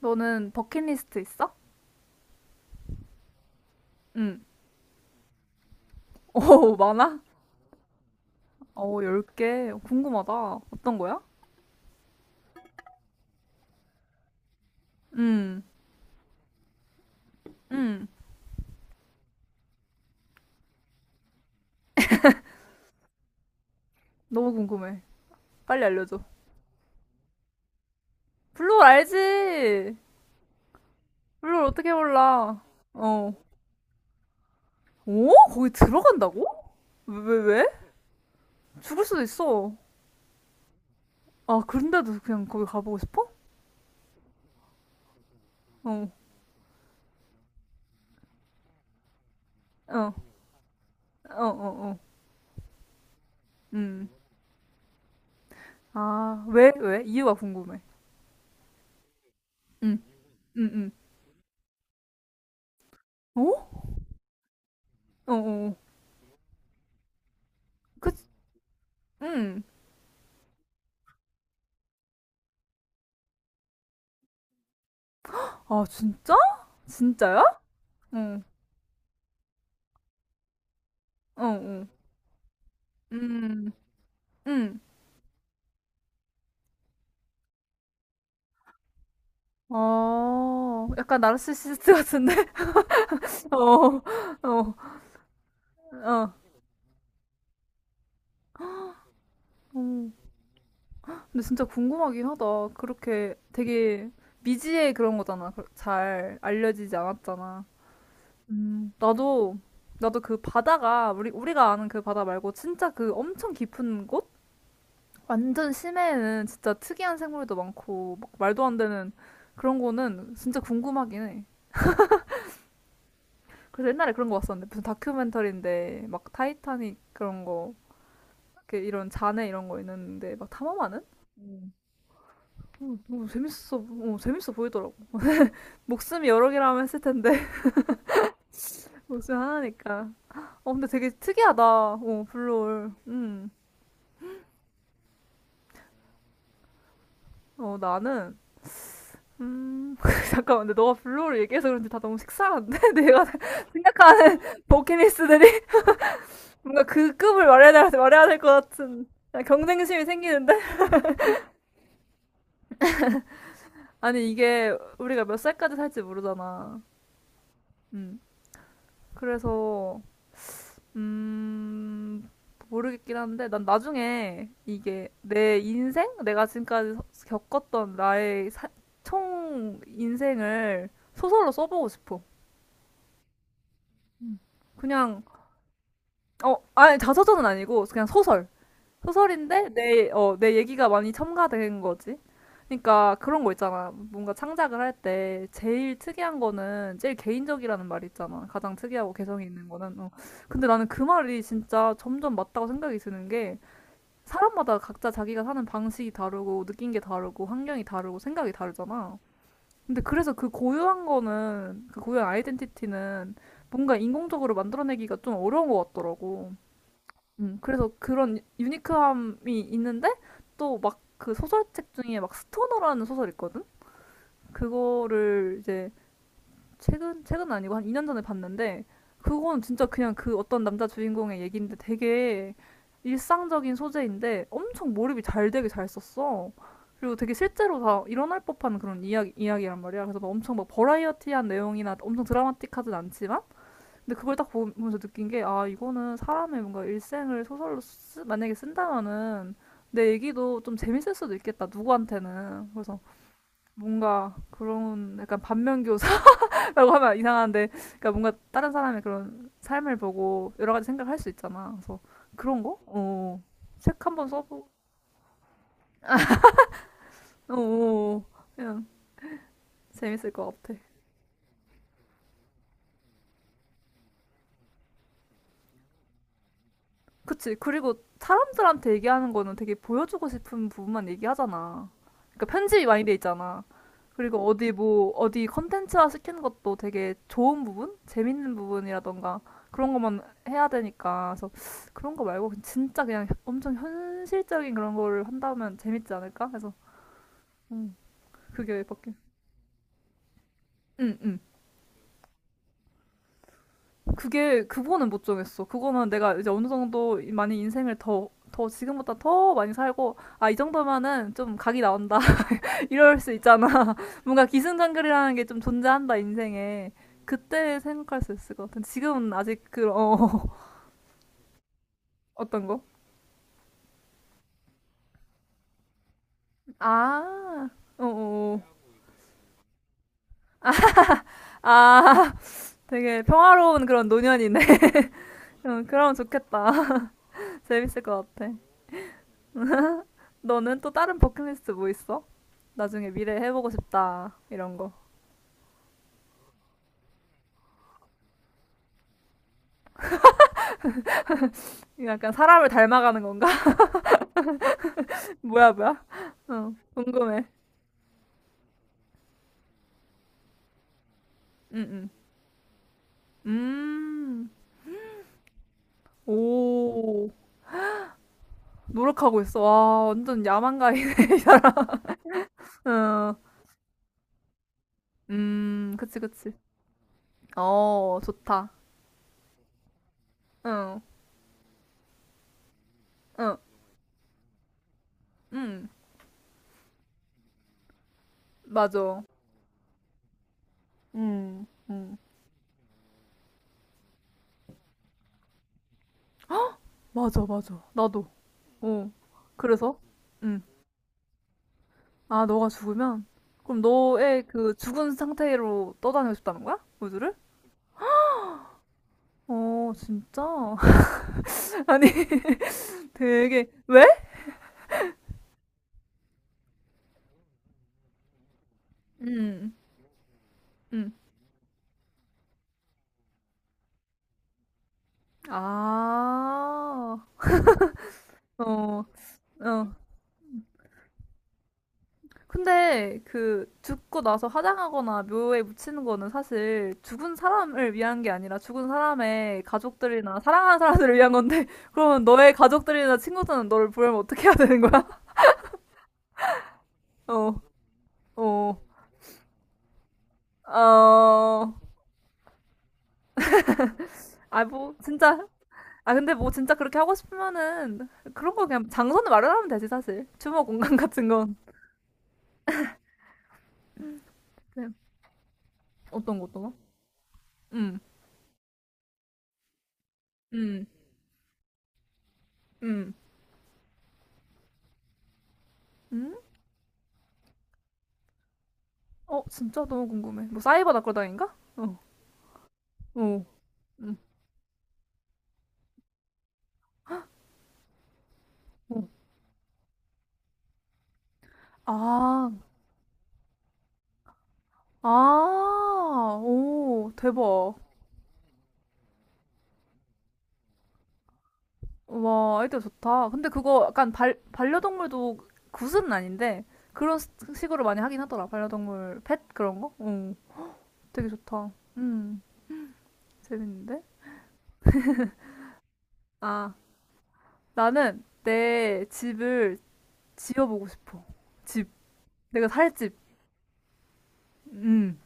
너는 버킷리스트 있어? 응. 오, 많아? 오, 10개. 궁금하다. 어떤 거야? 응, 응. 너무 궁금해. 빨리 알려줘. 블루홀 알지? 블루홀 어떻게 몰라? 어. 오? 거기 들어간다고? 왜, 왜, 왜? 죽을 수도 있어. 아, 그런데도 그냥 거기 가보고 싶어? 어, 어, 어, 어, 어. 음. 아, 왜, 왜? 이유가 궁금해. 응, 응, 응. 어? 어, 어. 그, 응. 아, 진짜? 진짜요? 응, 어, 응, 음, 음. 어, 약간 나르시시스트 같은데? 어, 어, 어. 음. 근데 진짜 궁금하긴 하다. 그렇게 되게 미지의 그런 거잖아. 잘 알려지지 않았잖아. 나도, 나도 그 바다가, 우리, 우리가 아는 그 바다 말고 진짜 그 엄청 깊은 곳? 완전 심해에는 진짜 특이한 생물도 많고, 막 말도 안 되는 그런 거는 진짜 궁금하긴 해. 그래서 옛날에 그런 거 봤었는데 무슨 다큐멘터리인데 막 타이타닉 그런 거 이렇게 이런 잔해 이런 거 있는데 막 탐험하는? 어, 너무 재밌어, 어, 재밌어 보이더라고. 목숨이 여러 개라면 했을 텐데 목숨 하나니까. 어 근데 되게 특이하다. 어 블루홀. 음. 어 나는 음 잠깐만 근데 너가 블루홀 얘기해서 그런지 다 너무 식상한데 내가 생각하는 버킷리스트들이 뭔가 그 급을 말해야 될 것 같은 경쟁심이 생기는데 아니 이게 우리가 몇 살까지 살지 모르잖아. 음. 그래서 음 모르겠긴 한데 난 나중에 이게 내 인생 내가 지금까지 겪었던 나의 총 인생을 소설로 써보고 싶어. 그냥 어 아니 자서전은 아니고 그냥 소설. 소설인데 내, 어, 내 얘기가 많이 첨가된 거지. 그러니까 그런 거 있잖아. 뭔가 창작을 할 때 제일 특이한 거는 제일 개인적이라는 말이 있잖아. 가장 특이하고 개성이 있는 거는. 어. 근데 나는 그 말이 진짜 점점 맞다고 생각이 드는 게 사람마다 각자 자기가 사는 방식이 다르고 느낀 게 다르고 환경이 다르고 생각이 다르잖아. 근데 그래서 그 고유한 거는 그 고유한 아이덴티티는 뭔가 인공적으로 만들어내기가 좀 어려운 것 같더라고. 그래서 그런 유니크함이 있는데 또 막 그 소설책 중에 막 스토너라는 소설 있거든? 그거를 이제 최근 최근 아니고 한 2년 전에 봤는데 그건 진짜 그냥 그 어떤 남자 주인공의 얘기인데 되게 일상적인 소재인데 엄청 몰입이 잘 되게 잘 썼어. 그리고 되게 실제로 다 일어날 법한 그런 이야기, 이야기란 말이야. 그래서 막 엄청 막 버라이어티한 내용이나 엄청 드라마틱하진 않지만 근데 그걸 딱 보면서 느낀 게, 아, 이거는 사람의 뭔가 일생을 소설로 쓰, 만약에 쓴다면은 내 얘기도 좀 재밌을 수도 있겠다, 누구한테는. 그래서 뭔가 그런 약간 반면교사라고 하면 이상한데, 그러니까 뭔가 다른 사람의 그런 삶을 보고 여러 가지 생각할 수 있잖아. 그래서 그런 거? 어, 책 한 번 써보고, 어, 어, 어. 그냥 재밌을 것 같아. 그치. 그리고 사람들한테 얘기하는 거는 되게 보여주고 싶은 부분만 얘기하잖아. 그러니까 편집이 많이 돼 있잖아. 그리고 어디 뭐, 어디 컨텐츠화 시키는 것도 되게 좋은 부분? 재밌는 부분이라던가 그런 것만 해야 되니까. 그래서 그런 거 말고 그냥 진짜 그냥 엄청 현실적인 그런 거를 한다면 재밌지 않을까? 그래서, 음, 그게 밖에. 응, 응. 그게, 그거는 못 정했어. 그거는 내가 이제 어느 정도 많이 인생을 더, 더 지금보다 더 많이 살고, 아, 이 정도면은 좀 각이 나온다. 이럴 수 있잖아. 뭔가 기승전결이라는 게 좀 존재한다, 인생에. 그때 생각할 수 있을 것 같은. 지금은 아직 그, 어, 어떤 거? 아, 어, 어, 어. 아, 되게 평화로운 그런 노년이네. 어, 그러면 좋겠다. 재밌을 것 같아. 너는 또 다른 버킷리스트 뭐 있어? 나중에 미래에 해보고 싶다. 이런 거. 이거 약간 사람을 닮아가는 건가? 뭐야, 뭐야? 어, 궁금해. 응, 응. 오. 노력하고 있어. 와, 완전 야망가이네. 응. 그치, 그치. 어, 좋다. 응, 응, 응. 맞아. 응, 응. 맞아, 맞아. 나도. 어. 그래서? 응. 아, 너가 죽으면? 그럼 너의 그 죽은 상태로 떠다니고 싶다는 거야? 우주를? 어, 진짜? 아니, 되게, 왜? 응, 응. 아, 어, 어. 근데 그 죽고 나서 화장하거나 묘에 묻히는 거는 사실 죽은 사람을 위한 게 아니라 죽은 사람의 가족들이나 사랑하는 사람들을 위한 건데 그러면 너의 가족들이나 친구들은 너를 보려면 어떻게 해야 되는 거야? 어, 어, 어, 아, 뭐, 진짜. 아, 근데 뭐 진짜 그렇게 하고 싶으면은 그런 거 그냥 장소는 마련하면 되지, 사실. 추모 공간 같은 건. 그냥 어떤 거, 어떤 거? 음, 음, 음, 음? 어, 진짜 너무 궁금해. 뭐 사이버 낙골당인가? 어, 어. 음. 아, 아, 오, 대박. 와, 아이디어 좋다. 근데 그거 약간 반려동물도 굿은 아닌데, 그런 식으로 많이 하긴 하더라. 반려동물, 펫 그런 거? 응, 되게 좋다. 음, 재밌는데? 아, 나는 내 집을 지어보고 싶어. 집. 내가 살 집. 음.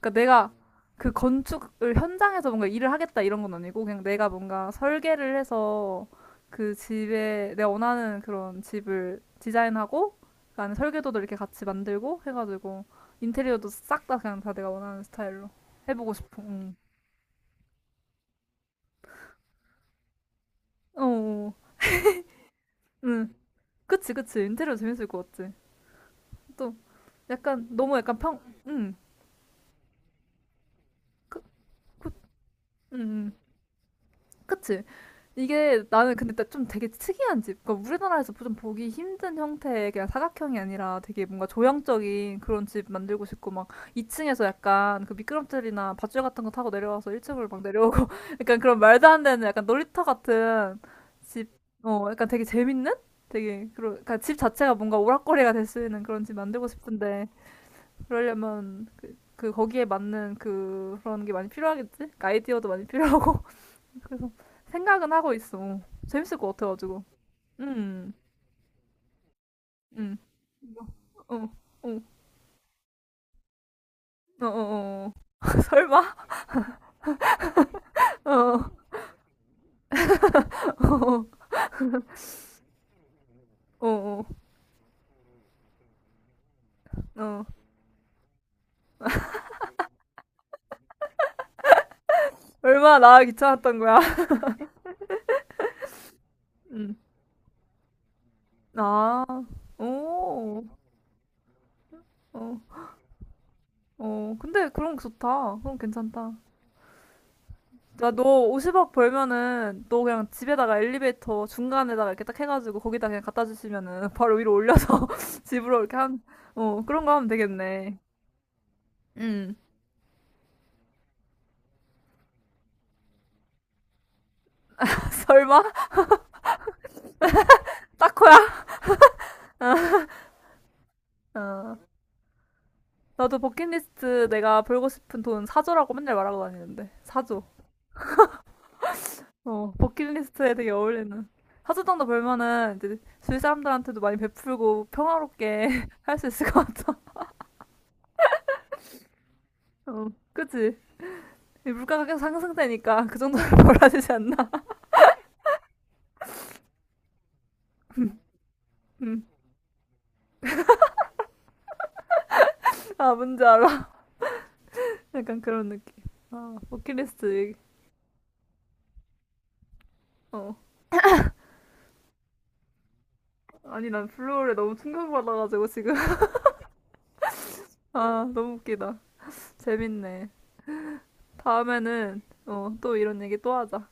그러니까 내가 그 건축을 현장에서 뭔가 일을 하겠다 이런 건 아니고 그냥 내가 뭔가 설계를 해서 그 집에 내가 원하는 그런 집을 디자인하고 그 안에 설계도도 이렇게 같이 만들고 해가지고 인테리어도 싹 다 그냥 다 내가 원하는 스타일로 해보고 싶어. 응. 어, 어, 어. 응. 그치, 그치. 인테리어 재밌을 것 같지. 또 약간 너무 약간 평, 응. 그, 그, 응. 응. 그치? 이게 나는 근데 좀 되게 특이한 집. 그러니까 우리나라에서 좀 보기 힘든 형태의 그냥 사각형이 아니라 되게 뭔가 조형적인 그런 집 만들고 싶고 막 2층에서 약간 그 미끄럼틀이나 밧줄 같은 거 타고 내려와서 1층으로 막 내려오고 약간 그런 말도 안 되는 약간 놀이터 같은 집. 어, 약간 되게 재밌는? 되게 그런 그러니까 집 자체가 뭔가 오락거리가 될 수 있는 그런 집 만들고 싶은데 그러려면 그, 그 거기에 맞는 그, 그런 게 많이 필요하겠지? 그러니까 아이디어도 많이 필요하고 그래서 생각은 하고 있어. 재밌을 것 같아가지고. 음, 음. 어, 어, 어, 어, 어. 설마? 어, 어, 어, 어, 어. 얼마나 나 귀찮았던 거야. 음. 아, 오, 어, 어. 근데 그런 거 좋다. 그럼 괜찮다. 야, 너 50억 벌면은 너 그냥 집에다가 엘리베이터 중간에다가 이렇게 딱 해가지고 거기다 그냥 갖다 주시면은 바로 위로 올려서 집으로 이렇게 한, 어, 그런 거 하면 되겠네. 음. 설마? 따코야 어. 나도 버킷리스트 내가 벌고 싶은 돈 사조라고 맨날 말하고 다니는데 사조 어, 버킷리스트에 되게 어울리는. 사조 정도 벌면은 이제 주위 사람들한테도 많이 베풀고 평화롭게 할 수 있을 것 같아. 어, 그치? 이 물가가 계속 상승되니까 그 정도는 벌어지지 않나? 음. 아, 뭔지 알아. 약간 그런 느낌. 아, 버킷리스트 얘기. 어. 아니, 난 플로우에 너무 충격받아가지고 지금. 아, 너무 웃기다. 재밌네. 다음에는 어, 또 이런 얘기 또 하자.